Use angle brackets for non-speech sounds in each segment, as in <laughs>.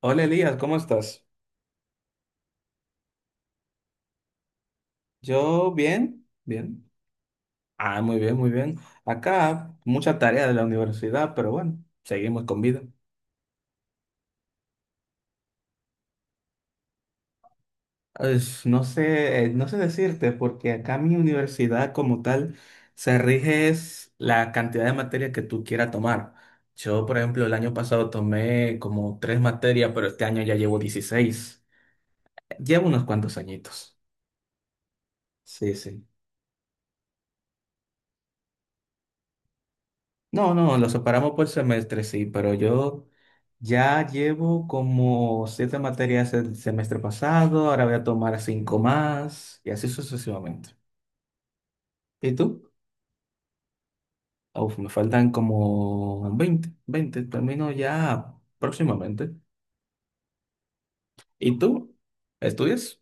Hola Elías, ¿cómo estás? Yo bien, bien. Ah, muy bien, muy bien. Acá mucha tarea de la universidad, pero bueno, seguimos con vida. No sé decirte, porque acá mi universidad como tal se rige es la cantidad de materia que tú quieras tomar. Yo, por ejemplo, el año pasado tomé como tres materias, pero este año ya llevo 16. Llevo unos cuantos añitos. Sí, sí. No, no, lo separamos por semestre, sí, pero yo ya llevo como siete materias el semestre pasado, ahora voy a tomar cinco más y así sucesivamente. ¿Y tú? Uf, me faltan como 20, 20 termino ya próximamente. ¿Y tú? ¿Estudias?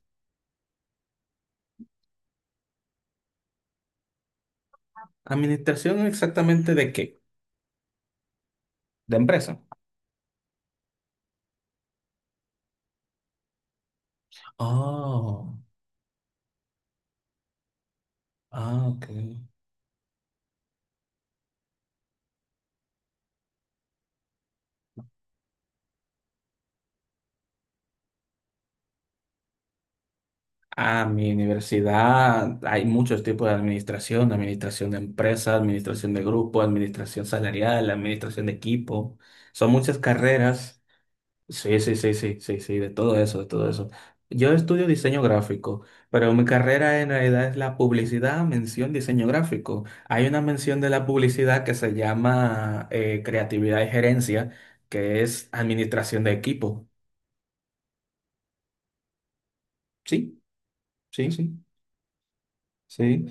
¿Administración exactamente de qué? ¿De empresa? Oh, ah, ok. A mi universidad hay muchos tipos de administración, administración de empresas, administración de grupo, administración salarial, administración de equipo. Son muchas carreras. Sí, sí, sí, sí, sí, sí, de todo eso, de todo eso. Yo estudio diseño gráfico, pero mi carrera en realidad es la publicidad, mención, diseño gráfico. Hay una mención de la publicidad que se llama creatividad y gerencia, que es administración de equipo. Sí, sí, sí, sí.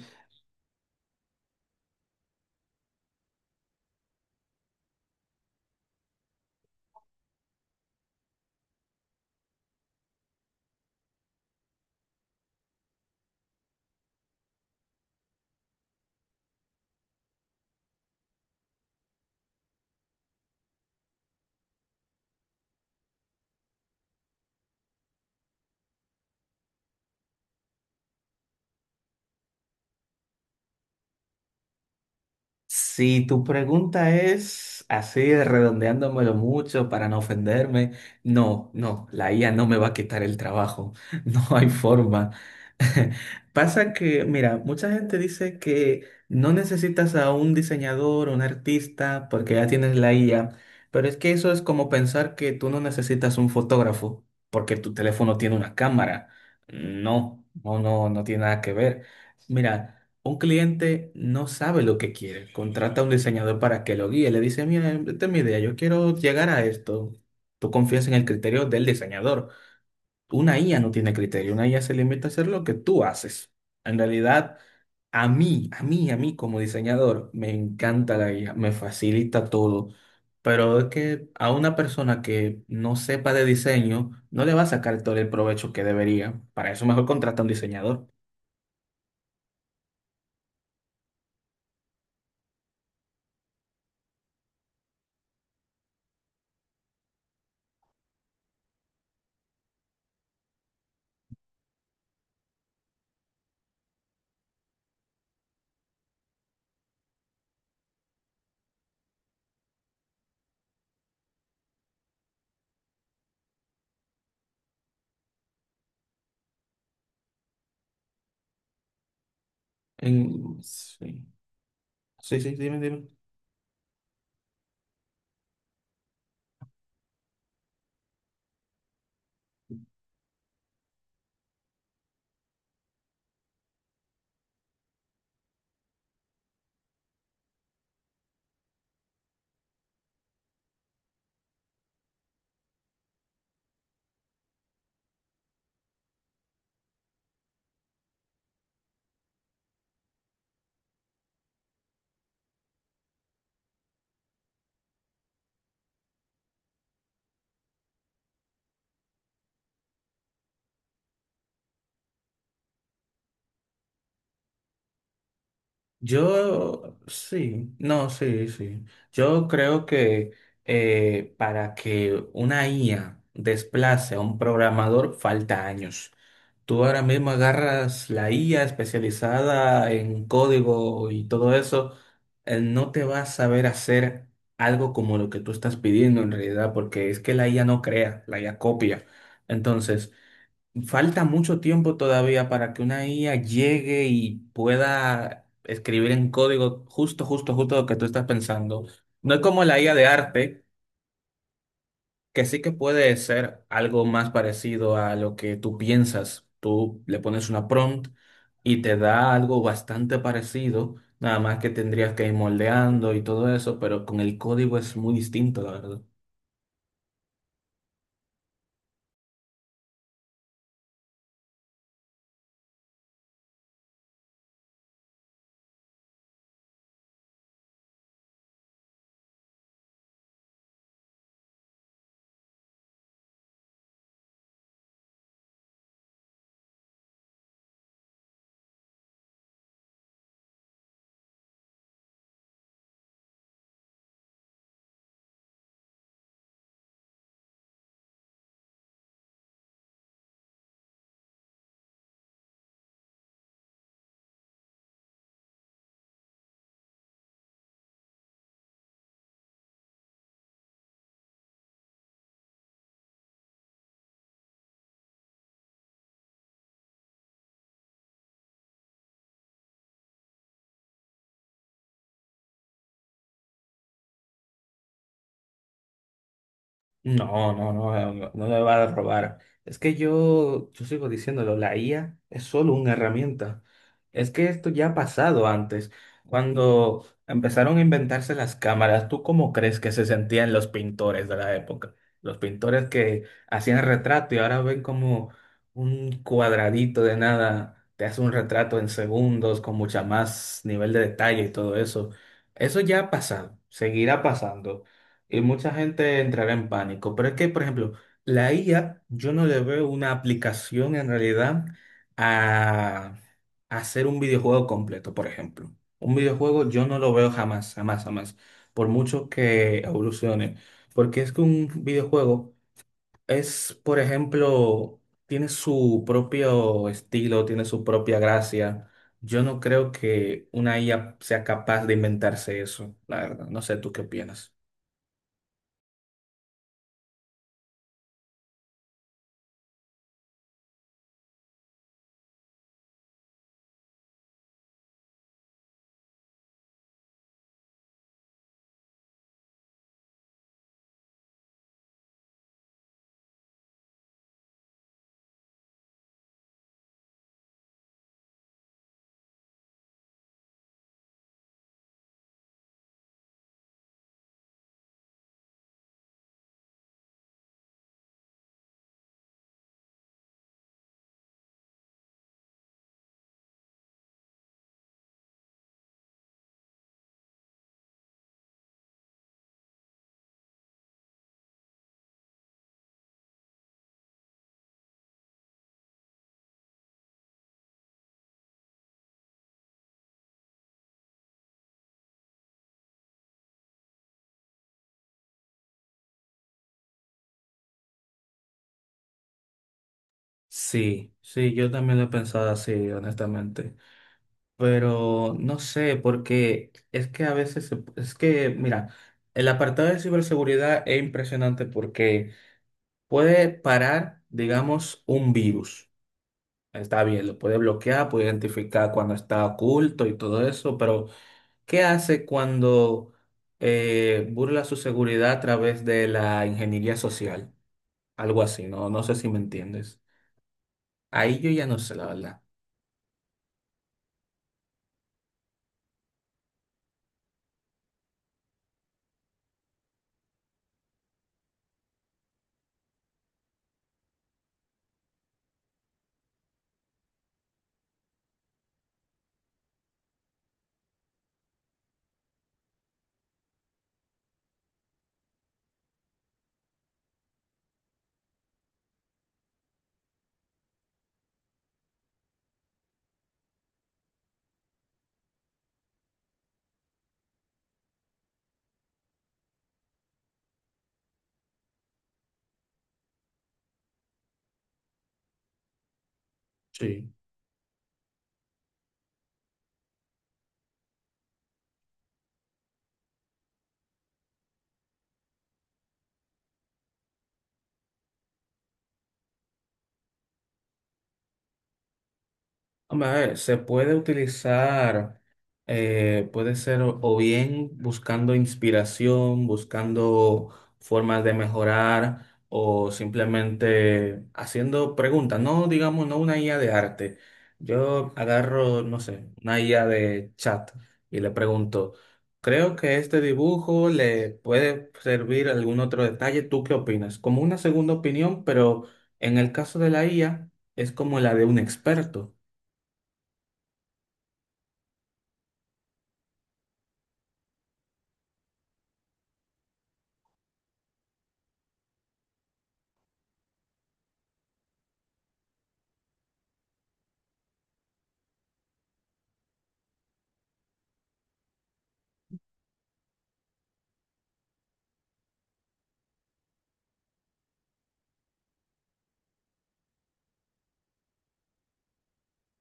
Si tu pregunta es así, redondeándomelo mucho para no ofenderme, no, no, la IA no me va a quitar el trabajo, <laughs> no hay forma. <laughs> Pasa que, mira, mucha gente dice que no necesitas a un diseñador o un artista porque ya tienes la IA, pero es que eso es como pensar que tú no necesitas un fotógrafo porque tu teléfono tiene una cámara. No, no, no, no tiene nada que ver. Mira. Un cliente no sabe lo que quiere, contrata a un diseñador para que lo guíe, le dice, mira, esta es mi idea, yo quiero llegar a esto. Tú confías en el criterio del diseñador. Una IA no tiene criterio, una IA se limita a hacer lo que tú haces. En realidad, a mí como diseñador, me encanta la IA, me facilita todo, pero es que a una persona que no sepa de diseño, no le va a sacar todo el provecho que debería. Para eso mejor contrata a un diseñador. Sí. Sí, sí, dime, dime. Yo, sí, no, sí, sí. Yo creo que para que una IA desplace a un programador falta años. Tú ahora mismo agarras la IA especializada en código y todo eso, no te va a saber hacer algo como lo que tú estás pidiendo en realidad, porque es que la IA no crea, la IA copia. Entonces, falta mucho tiempo todavía para que una IA llegue y pueda escribir en código justo, justo, justo lo que tú estás pensando. No es como la IA de arte, que sí que puede ser algo más parecido a lo que tú piensas. Tú le pones una prompt y te da algo bastante parecido, nada más que tendrías que ir moldeando y todo eso, pero con el código es muy distinto, la verdad. No, no, no, no, no me va a robar. Es que yo sigo diciéndolo, la IA es solo una herramienta. Es que esto ya ha pasado antes. Cuando empezaron a inventarse las cámaras, ¿tú cómo crees que se sentían los pintores de la época? Los pintores que hacían retrato y ahora ven como un cuadradito de nada, te hace un retrato en segundos con mucha más nivel de detalle y todo eso. Eso ya ha pasado, seguirá pasando. Y mucha gente entrará en pánico. Pero es que, por ejemplo, la IA, yo no le veo una aplicación en realidad a, a hacer un videojuego completo, por ejemplo. Un videojuego yo no lo veo jamás, jamás, jamás, por mucho que evolucione. Porque es que un videojuego es, por ejemplo, tiene su propio estilo, tiene su propia gracia. Yo no creo que una IA sea capaz de inventarse eso, la verdad. No sé, ¿tú qué opinas? Sí, sí, yo también lo he pensado así, honestamente. Pero no sé, porque es que a veces, es que, mira, el apartado de ciberseguridad es impresionante porque puede parar, digamos, un virus. Está bien, lo puede bloquear, puede identificar cuando está oculto y todo eso, pero ¿qué hace cuando burla su seguridad a través de la ingeniería social? Algo así, ¿no? No sé si me entiendes. Ahí yo ya no sé, la verdad. Sí. Hombre, a ver, se puede utilizar, puede ser o bien buscando inspiración, buscando formas de mejorar o simplemente haciendo preguntas, no digamos, no una IA de arte. Yo agarro, no sé, una IA de chat y le pregunto, creo que este dibujo le puede servir algún otro detalle, ¿tú qué opinas? Como una segunda opinión, pero en el caso de la IA es como la de un experto.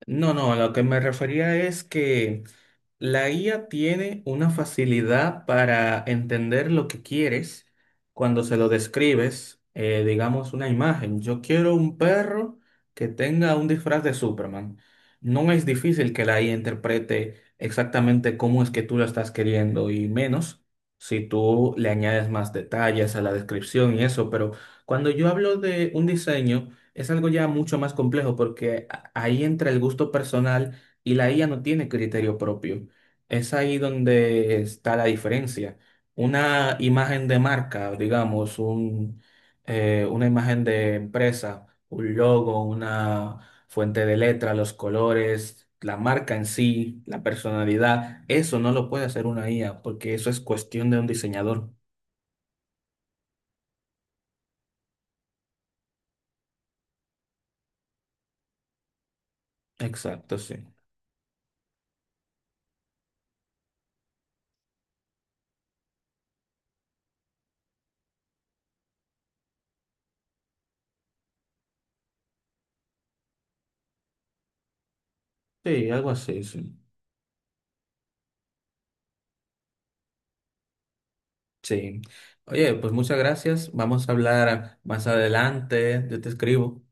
No, no, a lo que me refería es que... La guía tiene una facilidad para entender lo que quieres cuando se lo describes, digamos, una imagen. Yo quiero un perro que tenga un disfraz de Superman. No es difícil que la IA interprete exactamente cómo es que tú lo estás queriendo y menos si tú le añades más detalles a la descripción y eso. Pero cuando yo hablo de un diseño, es algo ya mucho más complejo porque ahí entra el gusto personal y la IA no tiene criterio propio. Es ahí donde está la diferencia. Una imagen de marca, digamos, una imagen de empresa, un logo, una fuente de letra, los colores, la marca en sí, la personalidad, eso no lo puede hacer una IA porque eso es cuestión de un diseñador. Exacto, sí. Sí, algo así, sí. Sí. Oye, pues muchas gracias. Vamos a hablar más adelante. Yo te escribo.